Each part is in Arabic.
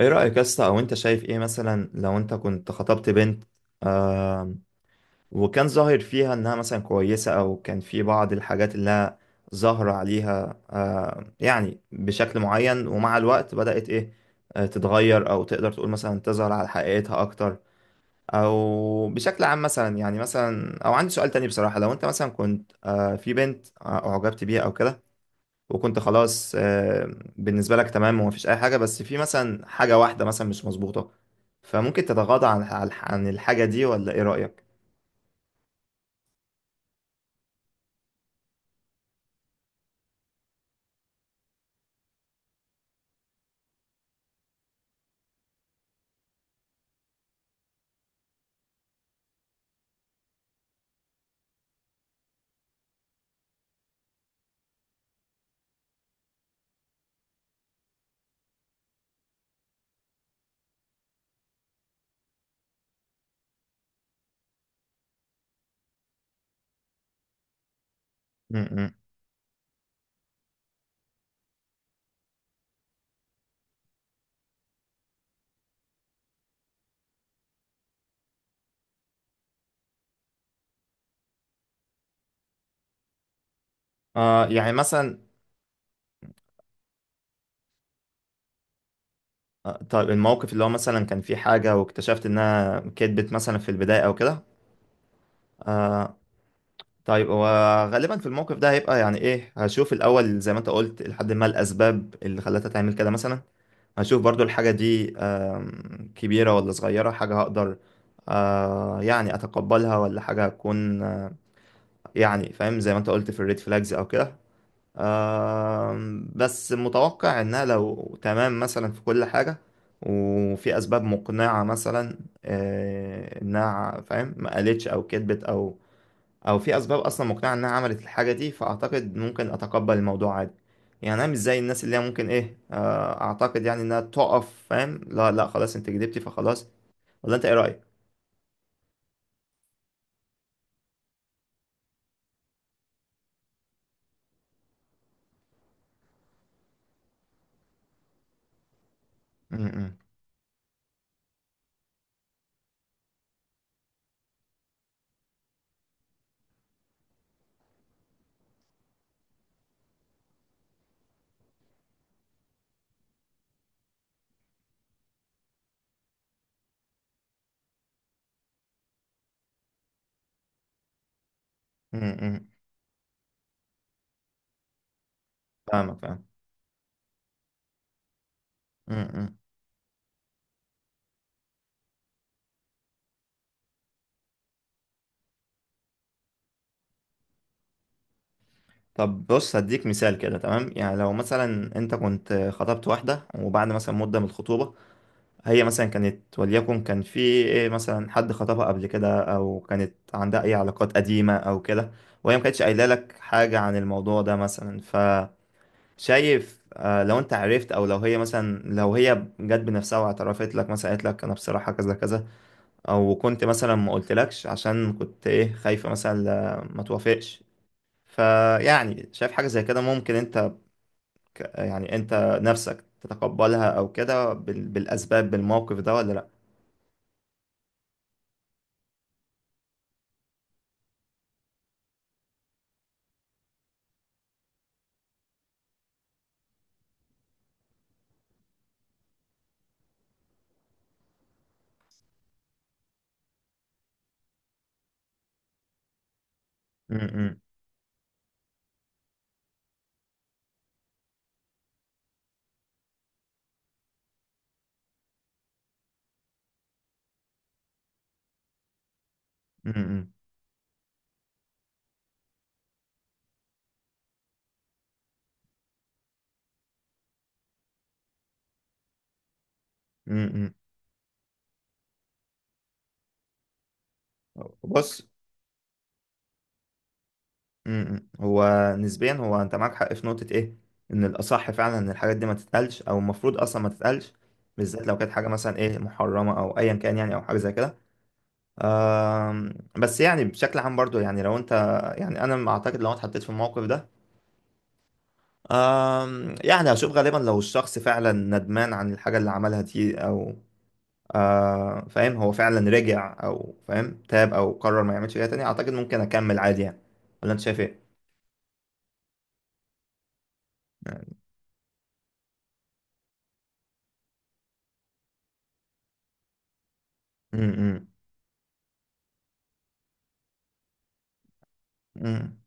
ايه رأيك يا اسطى؟ او انت شايف ايه مثلا لو انت كنت خطبت بنت، آم، وكان ظاهر فيها انها مثلا كويسة او كان في بعض الحاجات اللي هي ظاهرة عليها، يعني بشكل معين، ومع الوقت بدأت ايه تتغير او تقدر تقول مثلا تظهر على حقيقتها اكتر، او بشكل عام مثلا. يعني مثلا، او عندي سؤال تاني بصراحة. لو انت مثلا كنت في بنت اعجبت بيها او كده، وكنت خلاص بالنسبة لك تمام، ومفيش أي حاجة، بس في مثلا حاجة واحدة مثلا مش مظبوطة، فممكن تتغاضى عن الحاجة دي؟ ولا إيه رأيك؟ م-م. آه، يعني مثلا. طيب الموقف اللي هو مثلا كان في حاجة واكتشفت إنها كدبت مثلا في البداية أو كده. آه طيب، هو غالبا في الموقف ده هيبقى يعني إيه، هشوف الأول زي ما أنت قلت لحد ما الأسباب اللي خلتها تعمل كده مثلا. هشوف برضو الحاجة دي كبيرة ولا صغيرة، حاجة هقدر يعني أتقبلها، ولا حاجة هتكون يعني فاهم زي ما أنت قلت في الريد فلاجز أو كده. بس متوقع إنها لو تمام مثلا في كل حاجة، وفي أسباب مقنعة مثلا، إنها فاهم ما قالتش أو كدبت، أو في اسباب اصلا مقنعه انها عملت الحاجه دي، فاعتقد ممكن اتقبل الموضوع عادي. يعني انا مش زي الناس اللي هي ممكن ايه، اعتقد يعني انها تقف فاهم، لا لا خلاص انت كدبتي فخلاص. ولا انت ايه رايك؟ امم. امم. فاهمك، فاهم. امم. طب بص، هديك مثال كده. تمام، يعني لو مثلا انت كنت خطبت واحده، وبعد مثلا مده من الخطوبه هي مثلا كانت، وليكن كان في إيه مثلا حد خطبها قبل كده، او كانت عندها اي علاقات قديمة او كده، وهي ما كانتش قايله لك حاجة عن الموضوع ده مثلا. فشايف لو انت عرفت، او لو هي مثلا لو هي جت بنفسها واعترفت لك، مثلا قالت لك انا بصراحة كذا كذا، او كنت مثلا ما قلتلكش عشان كنت ايه خايفة مثلا ما توافقش. فيعني شايف حاجة زي كده ممكن انت يعني انت نفسك تتقبلها او كده بالاسباب بالموقف ده، ولا لا؟ م- م. امم. امم. بص. امم، هو نسبيا، هو انت معاك حق في نقطة ايه، ان الاصح فعلا ان الحاجات دي ما تتقالش، او المفروض اصلا ما تتقالش، بالذات لو كانت حاجة مثلا ايه محرمة او ايا كان يعني، او حاجة زي كده. بس يعني بشكل عام برضو، يعني لو انت يعني انا اعتقد لو اتحطيت في الموقف ده، يعني هشوف غالبا لو الشخص فعلا ندمان عن الحاجة اللي عملها دي، او فاهم هو فعلا رجع او فاهم تاب او قرر ما يعملش كده تاني، اعتقد ممكن اكمل عادي يعني. ولا انت شايف ايه؟ امم. امم.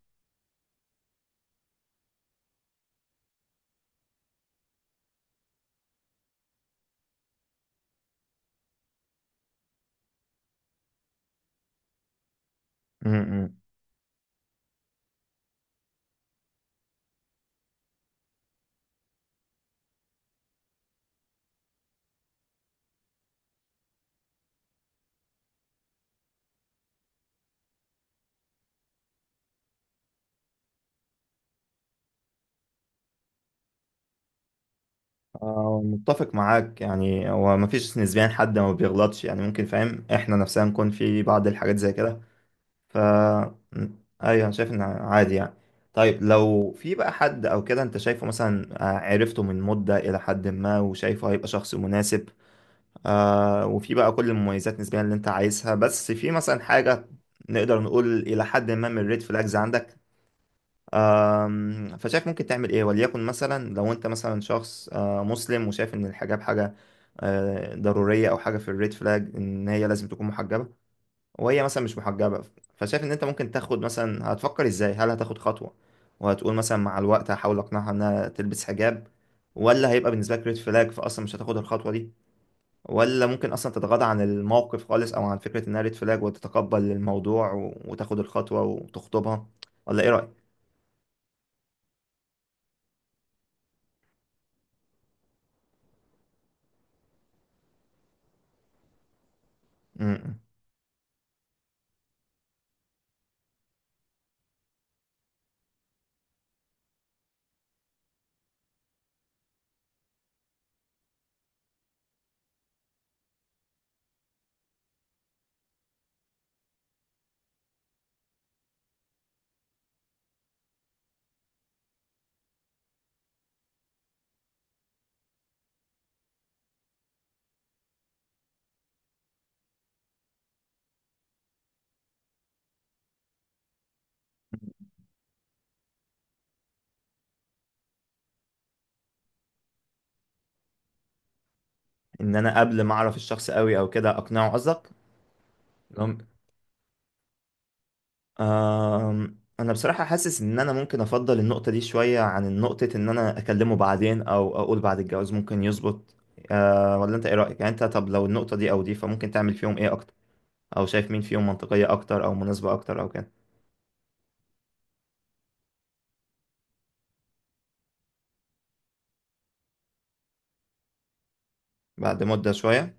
آه، متفق معاك يعني، هو ما فيش نسبيا حد ما بيغلطش يعني، ممكن فاهم احنا نفسنا نكون في بعض الحاجات زي كده. ف مم، ايوه، انا شايف ان عادي يعني. طيب لو في بقى حد او كده انت شايفه مثلا عرفته من مدة الى حد ما، وشايفه هيبقى شخص مناسب، وفي بقى كل المميزات نسبيا اللي انت عايزها، بس في مثلا حاجة نقدر نقول إلى حد ما من الريد فلاجز عندك، فشايف ممكن تعمل إيه؟ وليكن مثلا لو أنت مثلا شخص مسلم، وشايف إن الحجاب حاجة ضرورية، أو حاجة في الريد فلاج إن هي لازم تكون محجبة، وهي مثلا مش محجبة، فشايف إن أنت ممكن تاخد مثلا، هتفكر إزاي؟ هل هتاخد خطوة وهتقول مثلا مع الوقت هحاول أقنعها إنها تلبس حجاب، ولا هيبقى بالنسبة لك ريد فلاج فأصلا مش هتاخد الخطوة دي، ولا ممكن اصلا تتغاضى عن الموقف خالص، او عن فكرة انها ريد فلاج، وتتقبل الموضوع و- وتاخد الخطوة وتخطبها؟ ولا ايه رأيك؟ م-م. ان انا قبل ما اعرف الشخص قوي او كده اقنعه قصدك؟ لو- آم، انا بصراحة حاسس ان انا ممكن افضل النقطة دي شوية عن نقطة ان انا اكلمه بعدين، او اقول بعد الجواز ممكن يظبط. ولا انت ايه رأيك يعني؟ انت طب لو النقطة دي او دي، فممكن تعمل فيهم ايه اكتر؟ او شايف مين فيهم منطقية اكتر او مناسبة اكتر او كده؟ بعد مدة شوية.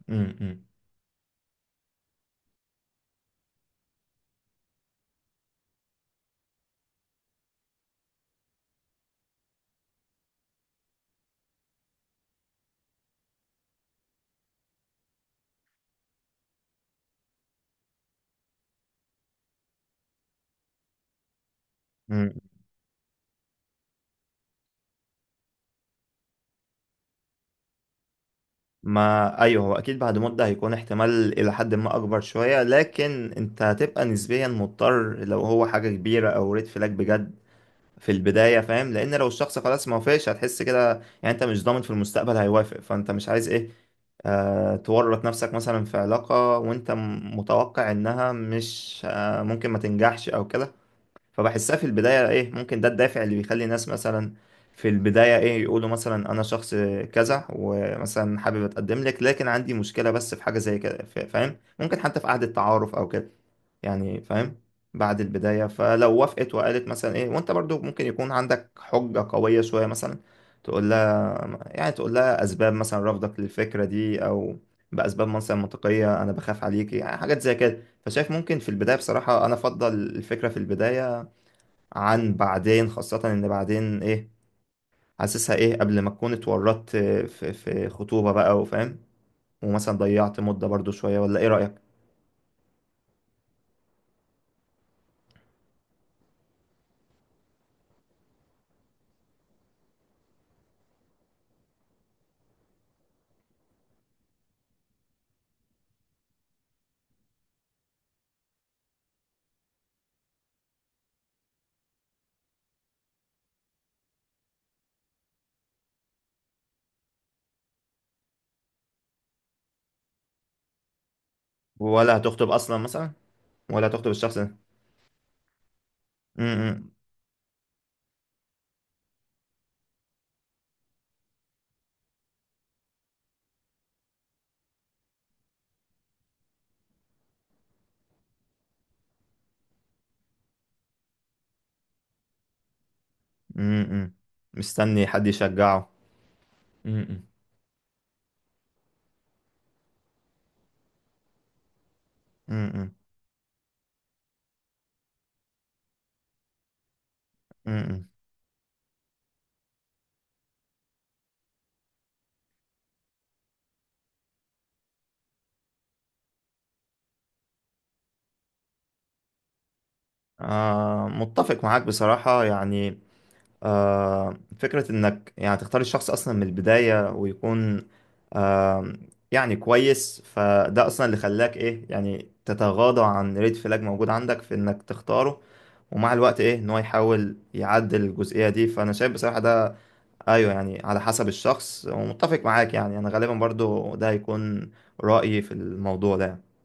م-م. ما ايوه، هو اكيد بعد مده هيكون احتمال الى حد ما اكبر شويه، لكن انت هتبقى نسبيا مضطر لو هو حاجه كبيره او ريد فلاج بجد في البدايه فاهم، لان لو الشخص خلاص ما وافقش هتحس كده. يعني انت مش ضامن في المستقبل هيوافق، فانت مش عايز ايه تورط نفسك مثلا في علاقه وانت متوقع انها مش ممكن ما تنجحش او كده. فبحسها في البداية ايه، ممكن ده الدافع اللي بيخلي الناس مثلا في البداية ايه يقولوا مثلا انا شخص كذا، ومثلا حابب اتقدم لك، لكن عندي مشكلة بس في حاجة زي كده، فاهم ممكن حتى في قعدة تعارف او كده يعني فاهم بعد البداية. فلو وافقت وقالت مثلا ايه، وانت برضو ممكن يكون عندك حجة قوية شوية مثلا تقول لها، يعني تقول لها اسباب مثلا رفضك للفكرة دي، او باسباب مثلا منطقية، انا بخاف عليكي يعني حاجات زي كده. فشايف ممكن في البداية، بصراحة انا افضل الفكرة في البداية عن بعدين، خاصة ان بعدين ايه، حاسسها ايه قبل ما تكون اتورطت في خطوبة بقى وفاهم، ومثلا ضيعت مدة برضو شوية. ولا ايه رأيك؟ ولا هتخطب اصلا مثلا؟ ولا هتخطب الشخص ده؟ م- م- م- م. مستني حد يشجعه. م- م- م- م- م- م. آه، متفق معاك بصراحة يعني. فكرة إنك يعني تختار الشخص أصلا من البداية، ويكون آه، يعني كويس، فده أصلا اللي خلاك إيه، يعني تتغاضى عن ريد فلاج موجود عندك في إنك تختاره، ومع الوقت إيه إن هو يحاول يعدل الجزئية دي، فأنا شايف بصراحة ده. أيوه، يعني على حسب الشخص. ومتفق معاك، يعني أنا غالبا برضو ده هيكون رأيي في الموضوع ده.